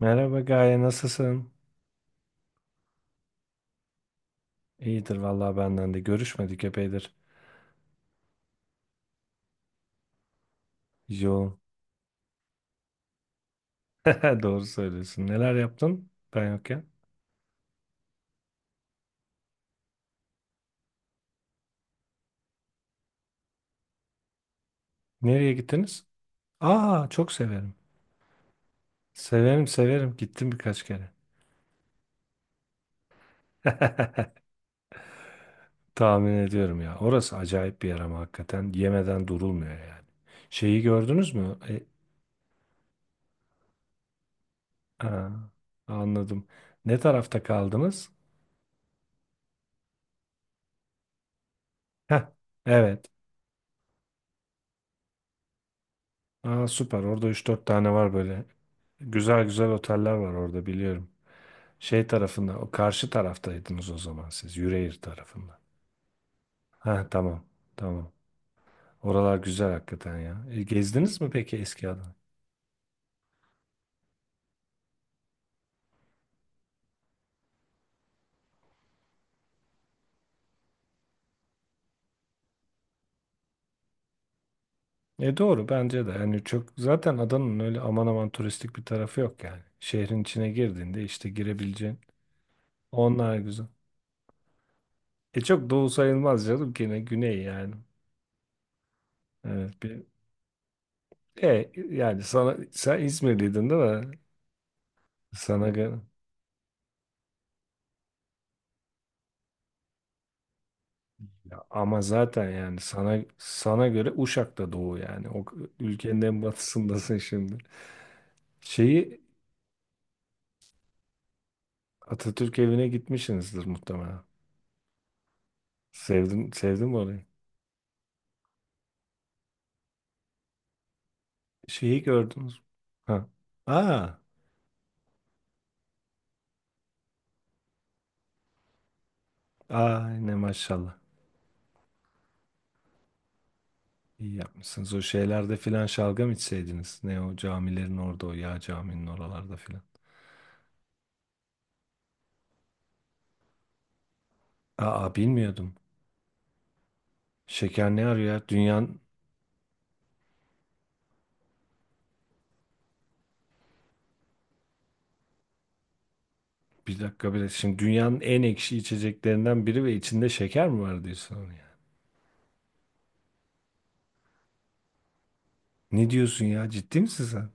Merhaba Gaye, nasılsın? İyidir vallahi benden de. Görüşmedik epeydir. Yoğun. Doğru söylüyorsun. Neler yaptın ben yokken? Nereye gittiniz? Aa, çok severim. Severim severim. Gittim birkaç kere. Tahmin ediyorum ya. Orası acayip bir yer ama hakikaten yemeden durulmuyor yani. Şeyi gördünüz mü? Aa, Anladım. Ne tarafta kaldınız? Heh, evet. Aa, süper. Orada üç dört tane var böyle. Güzel güzel oteller var orada biliyorum. Şey tarafında, o karşı taraftaydınız o zaman siz, Yüreğir tarafında. Ha tamam, tamam. Oralar güzel hakikaten ya. E, gezdiniz mi peki eski Adana? E doğru bence de. Yani çok zaten Adana'nın öyle aman aman turistik bir tarafı yok yani. Şehrin içine girdiğinde işte girebileceğin. Onlar güzel. E çok doğu sayılmaz canım ki ne güney yani. Evet bir e yani sana sen İzmirliydin değil mi? Sana göre. Ya ama zaten yani sana göre Uşak'ta doğu yani. O ülkenin en batısındasın şimdi. Şeyi Atatürk evine gitmişsinizdir muhtemelen. Sevdim sevdim mi orayı? Şeyi gördünüz mü? Ha. Aa, aa ne maşallah. İyi yapmışsınız. O şeylerde filan şalgam içseydiniz. Ne o camilerin orada o yağ caminin oralarda filan. Aa bilmiyordum. Şeker ne arıyor ya? Dünyanın bir dakika bir dakika. Şimdi dünyanın en ekşi içeceklerinden biri ve içinde şeker mi var diyorsun? Ne diyorsun ya? Ciddi misin sen?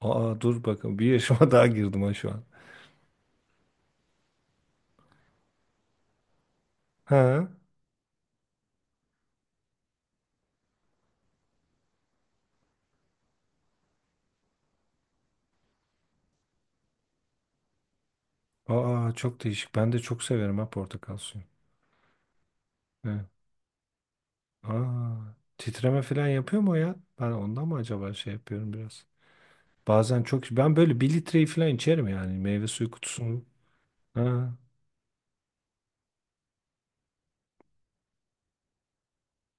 Aa dur bakın bir yaşıma daha girdim ha şu an. Ha? Aa çok değişik. Ben de çok severim ha portakal suyu. Evet. Aa titreme falan yapıyor mu o ya? Ben ondan mı acaba şey yapıyorum biraz? Bazen çok ben böyle bir litreyi falan içerim yani meyve suyu kutusunu. Ha.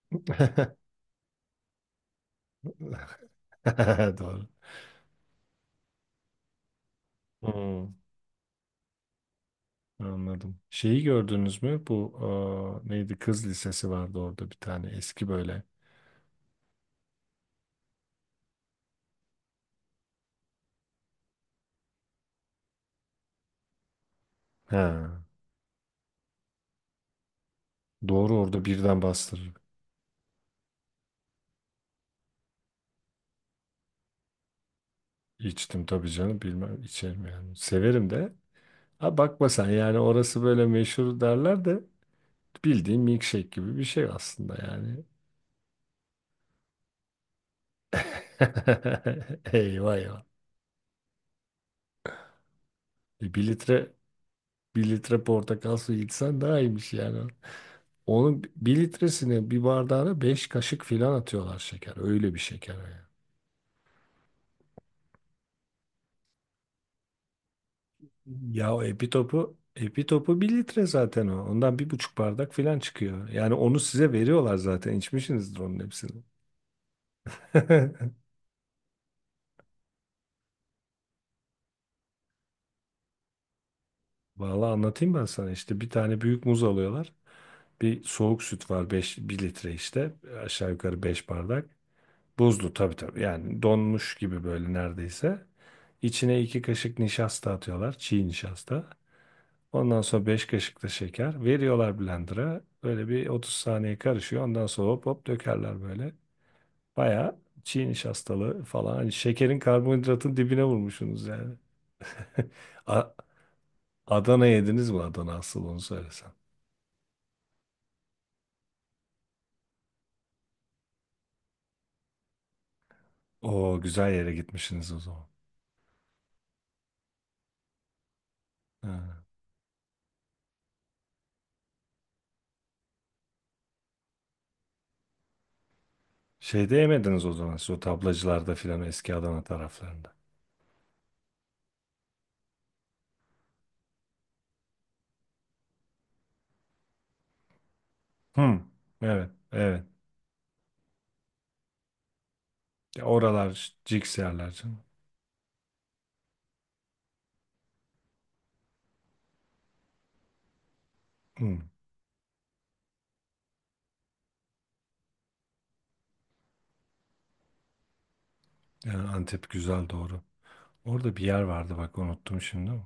Doğru. Hmm, anladım. Şeyi gördünüz mü? Bu neydi? Kız lisesi vardı orada bir tane eski böyle. Ha. Doğru orada birden bastırır. İçtim tabii canım bilmem içerim yani. Severim de. Ha bakma sen yani orası böyle meşhur derler de bildiğin milkshake gibi bir şey aslında yani. Eyvah eyvah. E, bir litre bir litre portakal suyu içsen daha iyiymiş yani. Onun bir litresine bir bardağına 5 kaşık filan atıyorlar şeker. Öyle bir şeker o yani. Ya o epi topu epi topu bir litre zaten o. Ondan bir buçuk bardak filan çıkıyor. Yani onu size veriyorlar zaten. İçmişsinizdir onun hepsini. Vallahi anlatayım ben sana işte bir tane büyük muz alıyorlar. Bir soğuk süt var beş bir litre işte aşağı yukarı 5 bardak. Buzlu tabii tabii yani donmuş gibi böyle neredeyse. İçine 2 kaşık nişasta atıyorlar çiğ nişasta. Ondan sonra 5 kaşık da şeker veriyorlar blender'a. Böyle bir 30 saniye karışıyor ondan sonra hop hop dökerler böyle. Baya çiğ nişastalı falan hani şekerin karbonhidratın dibine vurmuşsunuz yani. A- Adana yediniz mi Adana asıl onu söylesen. O güzel yere gitmişsiniz o zaman. Ha. Şeyde yemediniz o zaman siz o tablacılarda filan eski Adana taraflarında. Hı. Evet, evet. Ya oralar ciks yerler canım. Hı. Yani Antep güzel doğru. Orada bir yer vardı bak unuttum şimdi ama.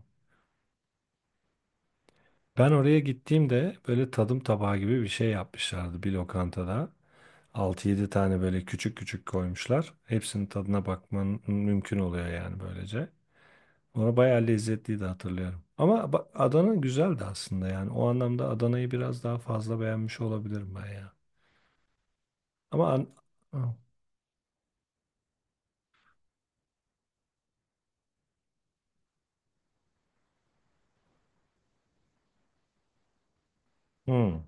Ben oraya gittiğimde böyle tadım tabağı gibi bir şey yapmışlardı bir lokantada. Altı yedi tane böyle küçük küçük koymuşlar. Hepsinin tadına bakman mümkün oluyor yani böylece. Ona bayağı lezzetliydi hatırlıyorum. Ama Adana güzeldi aslında yani. O anlamda Adana'yı biraz daha fazla beğenmiş olabilirim ben ya. Ama an... Hı. Hı.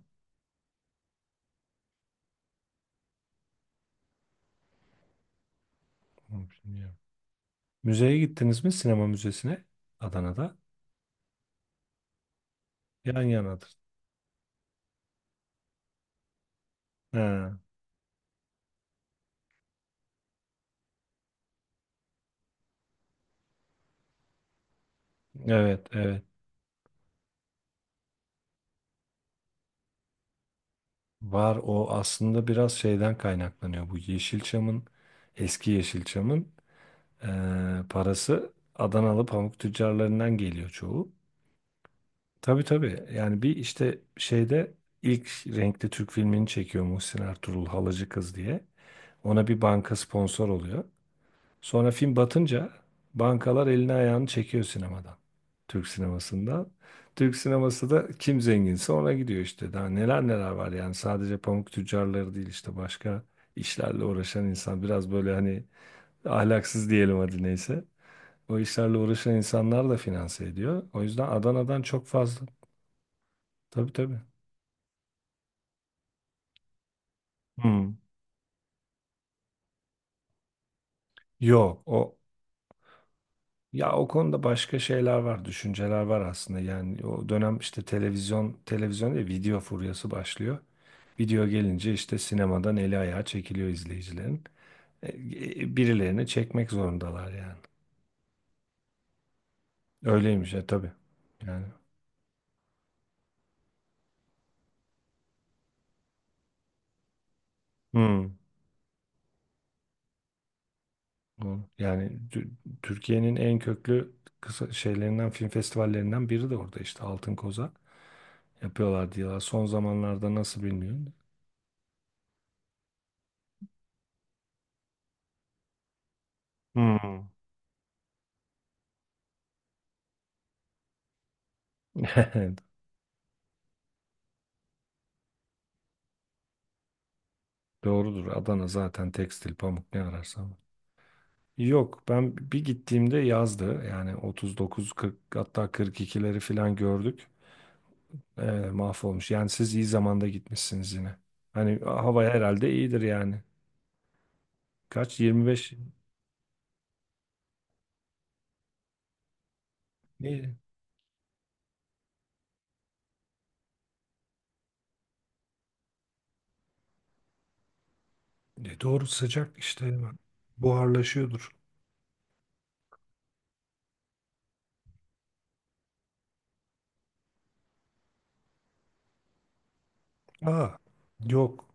Hı, bilmiyorum. Müzeye gittiniz mi? Sinema müzesine Adana'da. Yan yanadır. Ha, evet, evet. Var o aslında biraz şeyden kaynaklanıyor. Bu Yeşilçam'ın, eski Yeşilçam'ın parası Adanalı pamuk tüccarlarından geliyor çoğu. Tabii tabii. Yani bir işte şeyde ilk renkli Türk filmini çekiyor Muhsin Ertuğrul Halacı Kız diye. Ona bir banka sponsor oluyor. Sonra film batınca bankalar elini ayağını çekiyor sinemadan. Türk sinemasından. Türk sineması da kim zenginse ona gidiyor işte. Daha neler neler var yani. Sadece pamuk tüccarları değil işte başka işlerle uğraşan insan. Biraz böyle hani ahlaksız diyelim hadi neyse. O işlerle uğraşan insanlar da finanse ediyor. O yüzden Adana'dan çok fazla. Tabii tabii. Hmm. Yok o ya o konuda başka şeyler var, düşünceler var aslında. Yani o dönem işte televizyon, televizyon değil, video furyası başlıyor. Video gelince işte sinemadan eli ayağı çekiliyor izleyicilerin. E, Birilerini çekmek zorundalar yani. Öyleymiş ya tabii. Yani hmm. Doğru. Yani Türkiye'nin en köklü kısa şeylerinden, film festivallerinden biri de orada işte Altın Koza yapıyorlar diyorlar. Son zamanlarda nasıl bilmiyorum. Hmm. Doğrudur. Adana zaten tekstil, pamuk ne ararsan var. Yok ben bir gittiğimde yazdı. Yani 39, 40 hatta 42'leri falan gördük. Ee, Mahvolmuş. Yani siz iyi zamanda gitmişsiniz yine. Hani hava herhalde iyidir yani. Kaç? 25. Ne? Ne doğru sıcak işte hemen. Buharlaşıyordur. Aa, yok.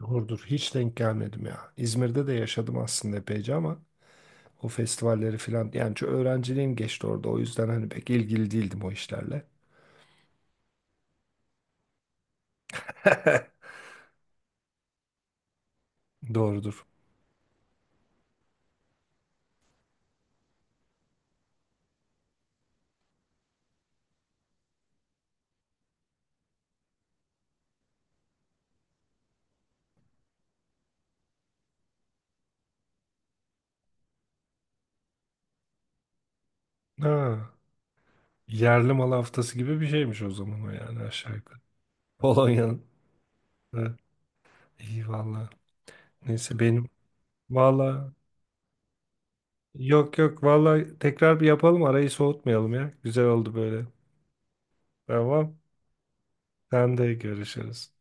Doğrudur. Hiç denk gelmedim ya. İzmir'de de yaşadım aslında epeyce ama o festivalleri falan. Yani çok öğrenciliğim geçti orada. O yüzden hani pek ilgili değildim o işlerle. Doğrudur. Ha, yerli mal haftası gibi bir şeymiş o zaman o yani aşağı yukarı. Polonya'nın. Ha, iyi valla. Neyse benim. Valla yok yok valla tekrar bir yapalım arayı soğutmayalım ya. Güzel oldu böyle. Tamam. Sen de görüşürüz.